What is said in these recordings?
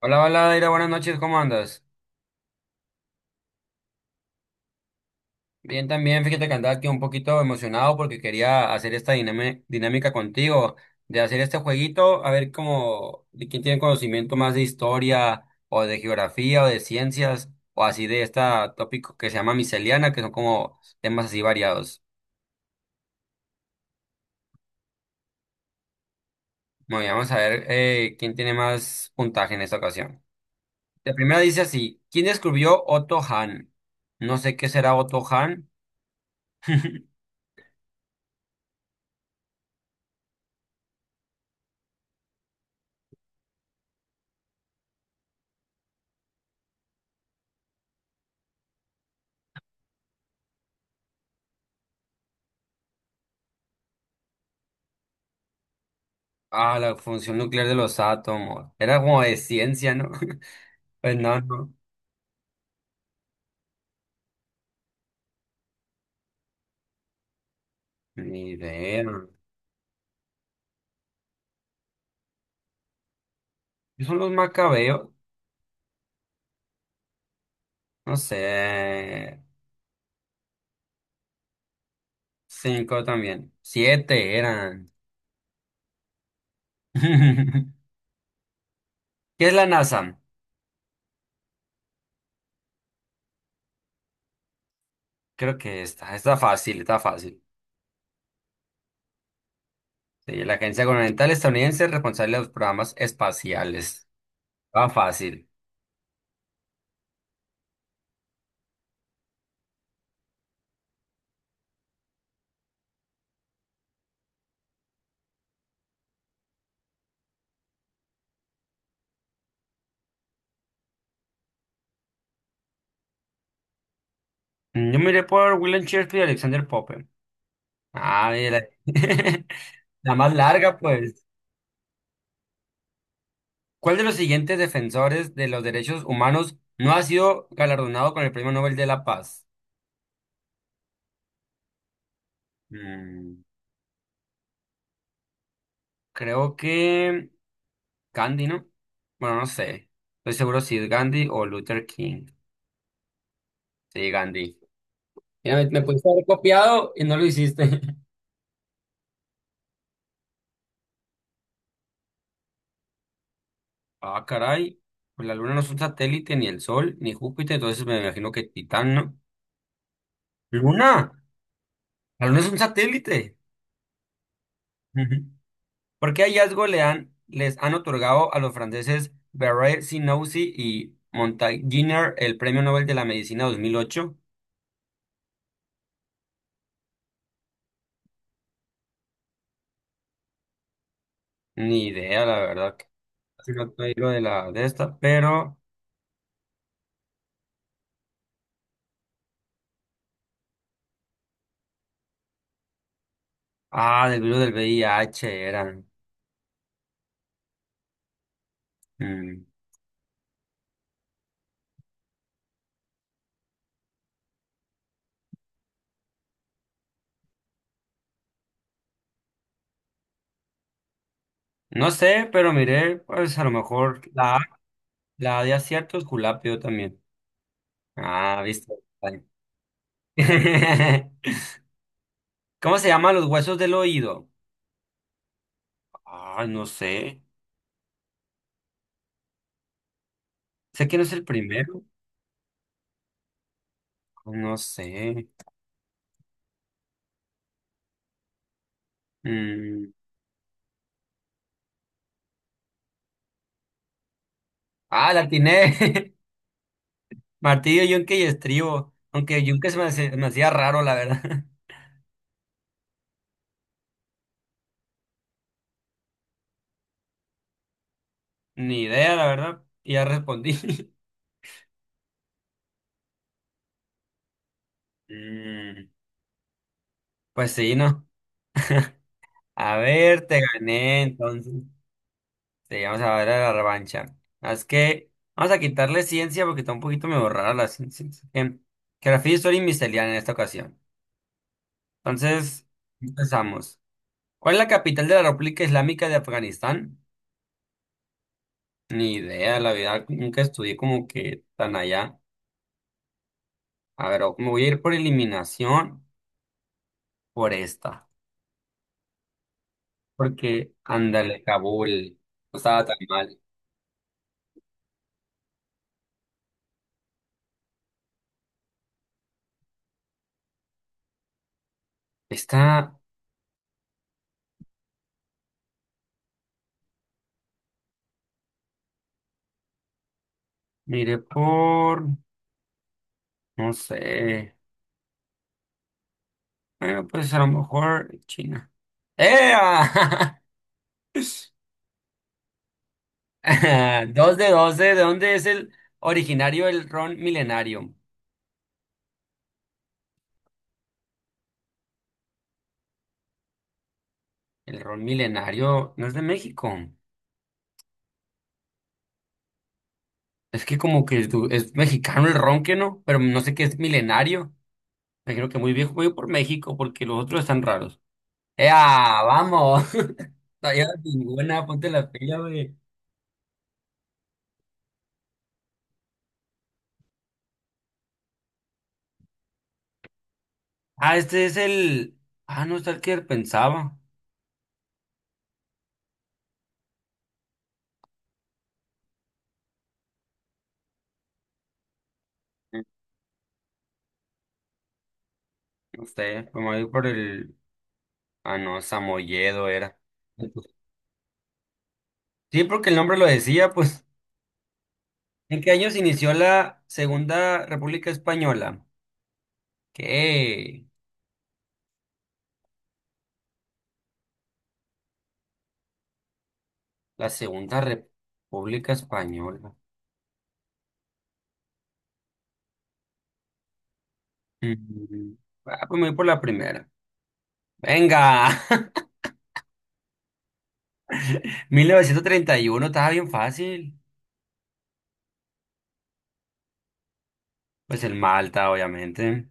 Hola, hola, Daira, buenas noches, ¿cómo andas? Bien, también, fíjate que andaba aquí un poquito emocionado porque quería hacer esta dinámica contigo, de hacer este jueguito, a ver cómo, de quién tiene conocimiento más de historia, o de geografía, o de ciencias, o así de este tópico que se llama miscelánea, que son como temas así variados. Bueno, y vamos a ver quién tiene más puntaje en esta ocasión. La primera dice así, ¿quién descubrió Otto Hahn? No sé qué será Otto Hahn. Ah, la función nuclear de los átomos. Era como de ciencia, ¿no? Pues no, no. Ni idea. ¿Qué son los macabeos? No sé. Cinco también. Siete eran. ¿Qué es la NASA? Creo que está, está fácil, está fácil. Sí, la Agencia Gubernamental Estadounidense responsable de los programas espaciales. Va fácil. Yo miré por William Shakespeare y Alexander Pope. Ah, mira. La más larga, pues. ¿Cuál de los siguientes defensores de los derechos humanos no ha sido galardonado con el Premio Nobel de la Paz? Mm, creo que Gandhi, ¿no? Bueno, no sé. Estoy seguro si es Gandhi o Luther King. Sí, Gandhi. Mira, me pudiste haber copiado y no lo hiciste. Ah, caray. Pues la Luna no es un satélite, ni el Sol, ni Júpiter, entonces me imagino que Titán, ¿no? ¿Luna? ¿La Luna es un satélite? ¿Por qué hallazgo les han otorgado a los franceses Barré-Sinoussi y Montagnier el Premio Nobel de la Medicina 2008? Ni idea, la verdad. Que casi no estoy lo de la de esta, pero... Ah, del virus del VIH eran. Mm. No sé, pero miré, pues a lo mejor la A de aciertos, culapio también. Ah, viste. Ay. ¿Cómo se llaman los huesos del oído? Ah, no sé. Sé que no es el primero. No sé. Mm. Ah, la atiné. Martillo, yunque y estribo. Aunque yunque me hacía raro, la verdad. Ni idea, la verdad. Y ya respondí. Mm, pues sí, ¿no? A ver, te gané, entonces. Sí, vamos a ver a la revancha. Ah, es que vamos a quitarle ciencia porque está un poquito me borrada la ciencia. Em, Geografía, historia y miscelánea en esta ocasión. Entonces, empezamos. ¿Cuál es la capital de la República Islámica de Afganistán? Ni idea, la verdad, nunca estudié como que tan allá. A ver, me voy a ir por eliminación por esta, porque ándale, Kabul, no estaba tan mal. Esta, miré por, no sé, bueno, pues a lo mejor China. ¡Eh! Ah, dos de doce, ¿de dónde es el originario el ron milenario? El ron milenario no es de México. Es que como que es mexicano el ron, que no? Pero no sé qué es milenario. Me creo que muy bien voy por México porque los otros están raros. ¡Ea! ¡Vamos! No llevas ninguna, ponte la pila, güey. Ah, este es el. Ah, no, está el que pensaba. No sé, me voy por el. Ah, no, Samoyedo era. Sí, porque el nombre lo decía, pues. ¿En qué año se inició la Segunda República Española? ¿Qué? La Segunda República Española. Mm. Ah, pues me voy por la primera. ¡Venga! 1931 estaba bien fácil. Pues el Malta, obviamente.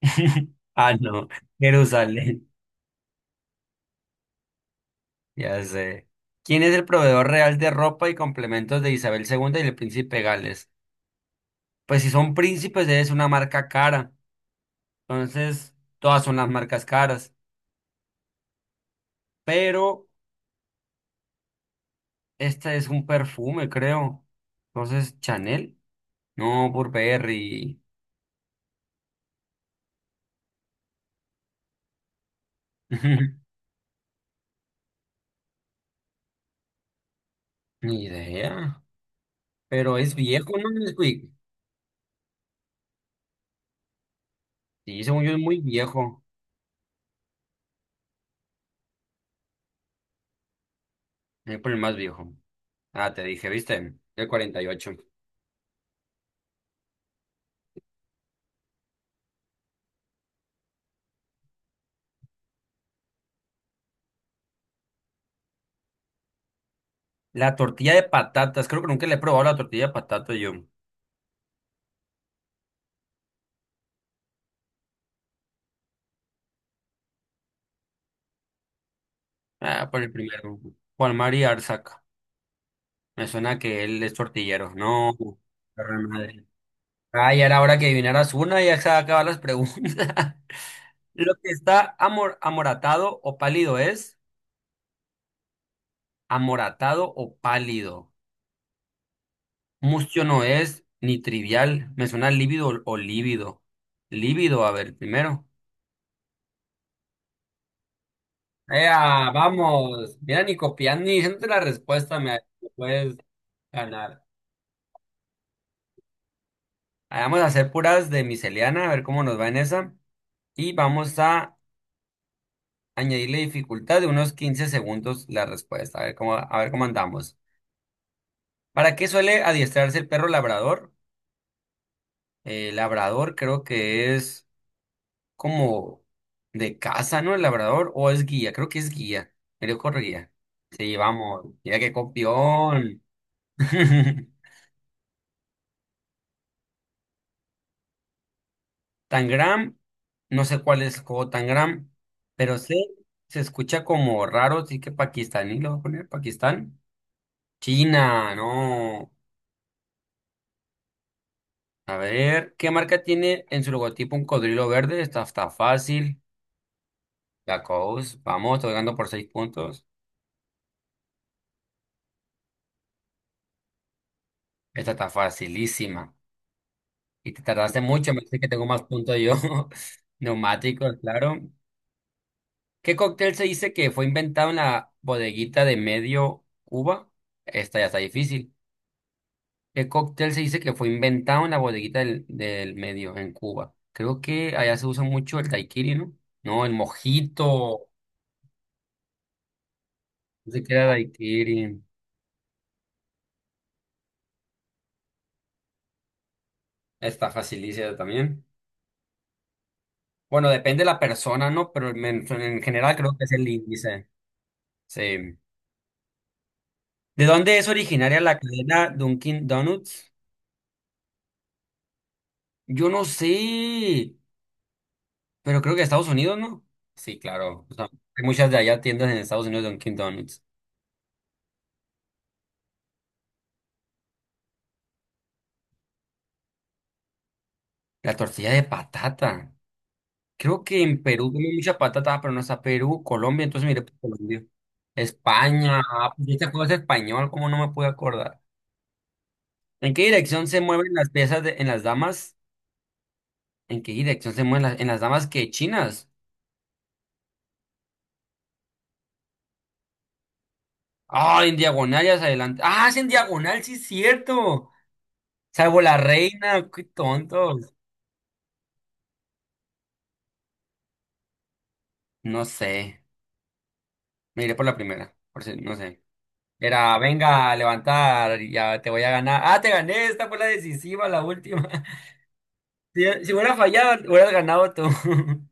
Ah, no, Jerusalén, ya sé. ¿Quién es el proveedor real de ropa y complementos de Isabel II y el príncipe Gales? Pues si son príncipes es una marca cara, entonces todas son las marcas caras, pero este es un perfume, creo. Entonces, Chanel, no, Burberry, ni idea, pero es viejo, ¿no? ¿Nesquik? Sí, según yo es muy viejo. Voy por el más viejo. Ah, te dije, ¿viste? El 48. La tortilla de patatas. Creo que nunca le he probado la tortilla de patatas yo. Ah, por el primero. Juan Mari Arzac. Me suena que él es tortillero. No, perra madre. Ah, ya era hora que adivinaras una, ya se acaban las preguntas. Lo que está amor, amoratado o pálido es amoratado o pálido. Mustio no es ni trivial. Me suena lívido o lívido. Lívido, a ver, primero. Ea, vamos. Mira, ni copiando ni diciendo la respuesta, me puedes ganar. Ah, vamos a hacer puras de miscelánea, a ver cómo nos va en esa. Y vamos a añadirle dificultad de unos 15 segundos la respuesta, a ver cómo andamos. ¿Para qué suele adiestrarse el perro labrador? Labrador creo que es como de casa, ¿no? El labrador, o es guía, creo que es guía. Me dio guía. Sí, vamos. Mira qué copión. Tangram, no sé cuál es el juego Tangram, pero sé, se escucha como raro, sí que pakistaní, lo voy a poner, Pakistán. China, no. A ver, ¿qué marca tiene en su logotipo un cocodrilo verde? Esta está fácil. Lacoste, vamos, estoy ganando por seis puntos. Esta está facilísima. Y te tardaste mucho, me dice que tengo más puntos yo. Neumáticos, claro. ¿Qué cóctel se dice que fue inventado en la bodeguita de Medio Cuba? Esta ya está difícil. El cóctel se dice que fue inventado en la bodeguita del medio, en Cuba. Creo que allá se usa mucho el daiquiri, ¿no? No, el mojito. No sé qué era daiquiri. Está facilísima también. Bueno, depende de la persona, ¿no? Pero en general creo que es el índice. Sí. ¿De dónde es originaria la cadena Dunkin' Donuts? Yo no sé, pero creo que de Estados Unidos, ¿no? Sí, claro. O sea, hay muchas de allá tiendas en Estados Unidos de Dunkin' Donuts. La tortilla de patata. Creo que en Perú comen mucha patata, pero no está Perú, Colombia, entonces mire por Colombia. España, ah, pues esta cosa es español, ¿cómo no me puedo acordar? ¿En qué dirección se mueven las piezas en las damas? ¿En qué dirección se mueven las, en las damas que chinas? Ah, en diagonal y hacia adelante. Ah, es en diagonal, sí es cierto. Salvo la reina, qué tontos. No sé. Me iré por la primera, por si, no sé. Era, venga, a levantar, ya te voy a ganar. Ah, te gané, esta fue la decisiva, la última. Si hubiera fallado, hubieras ganado tú.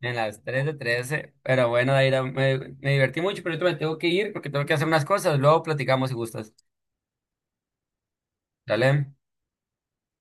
En las 3 de 13. Pero bueno, Daira, me divertí mucho, pero ahorita me tengo que ir porque tengo que hacer unas cosas. Luego platicamos si gustas. Dale.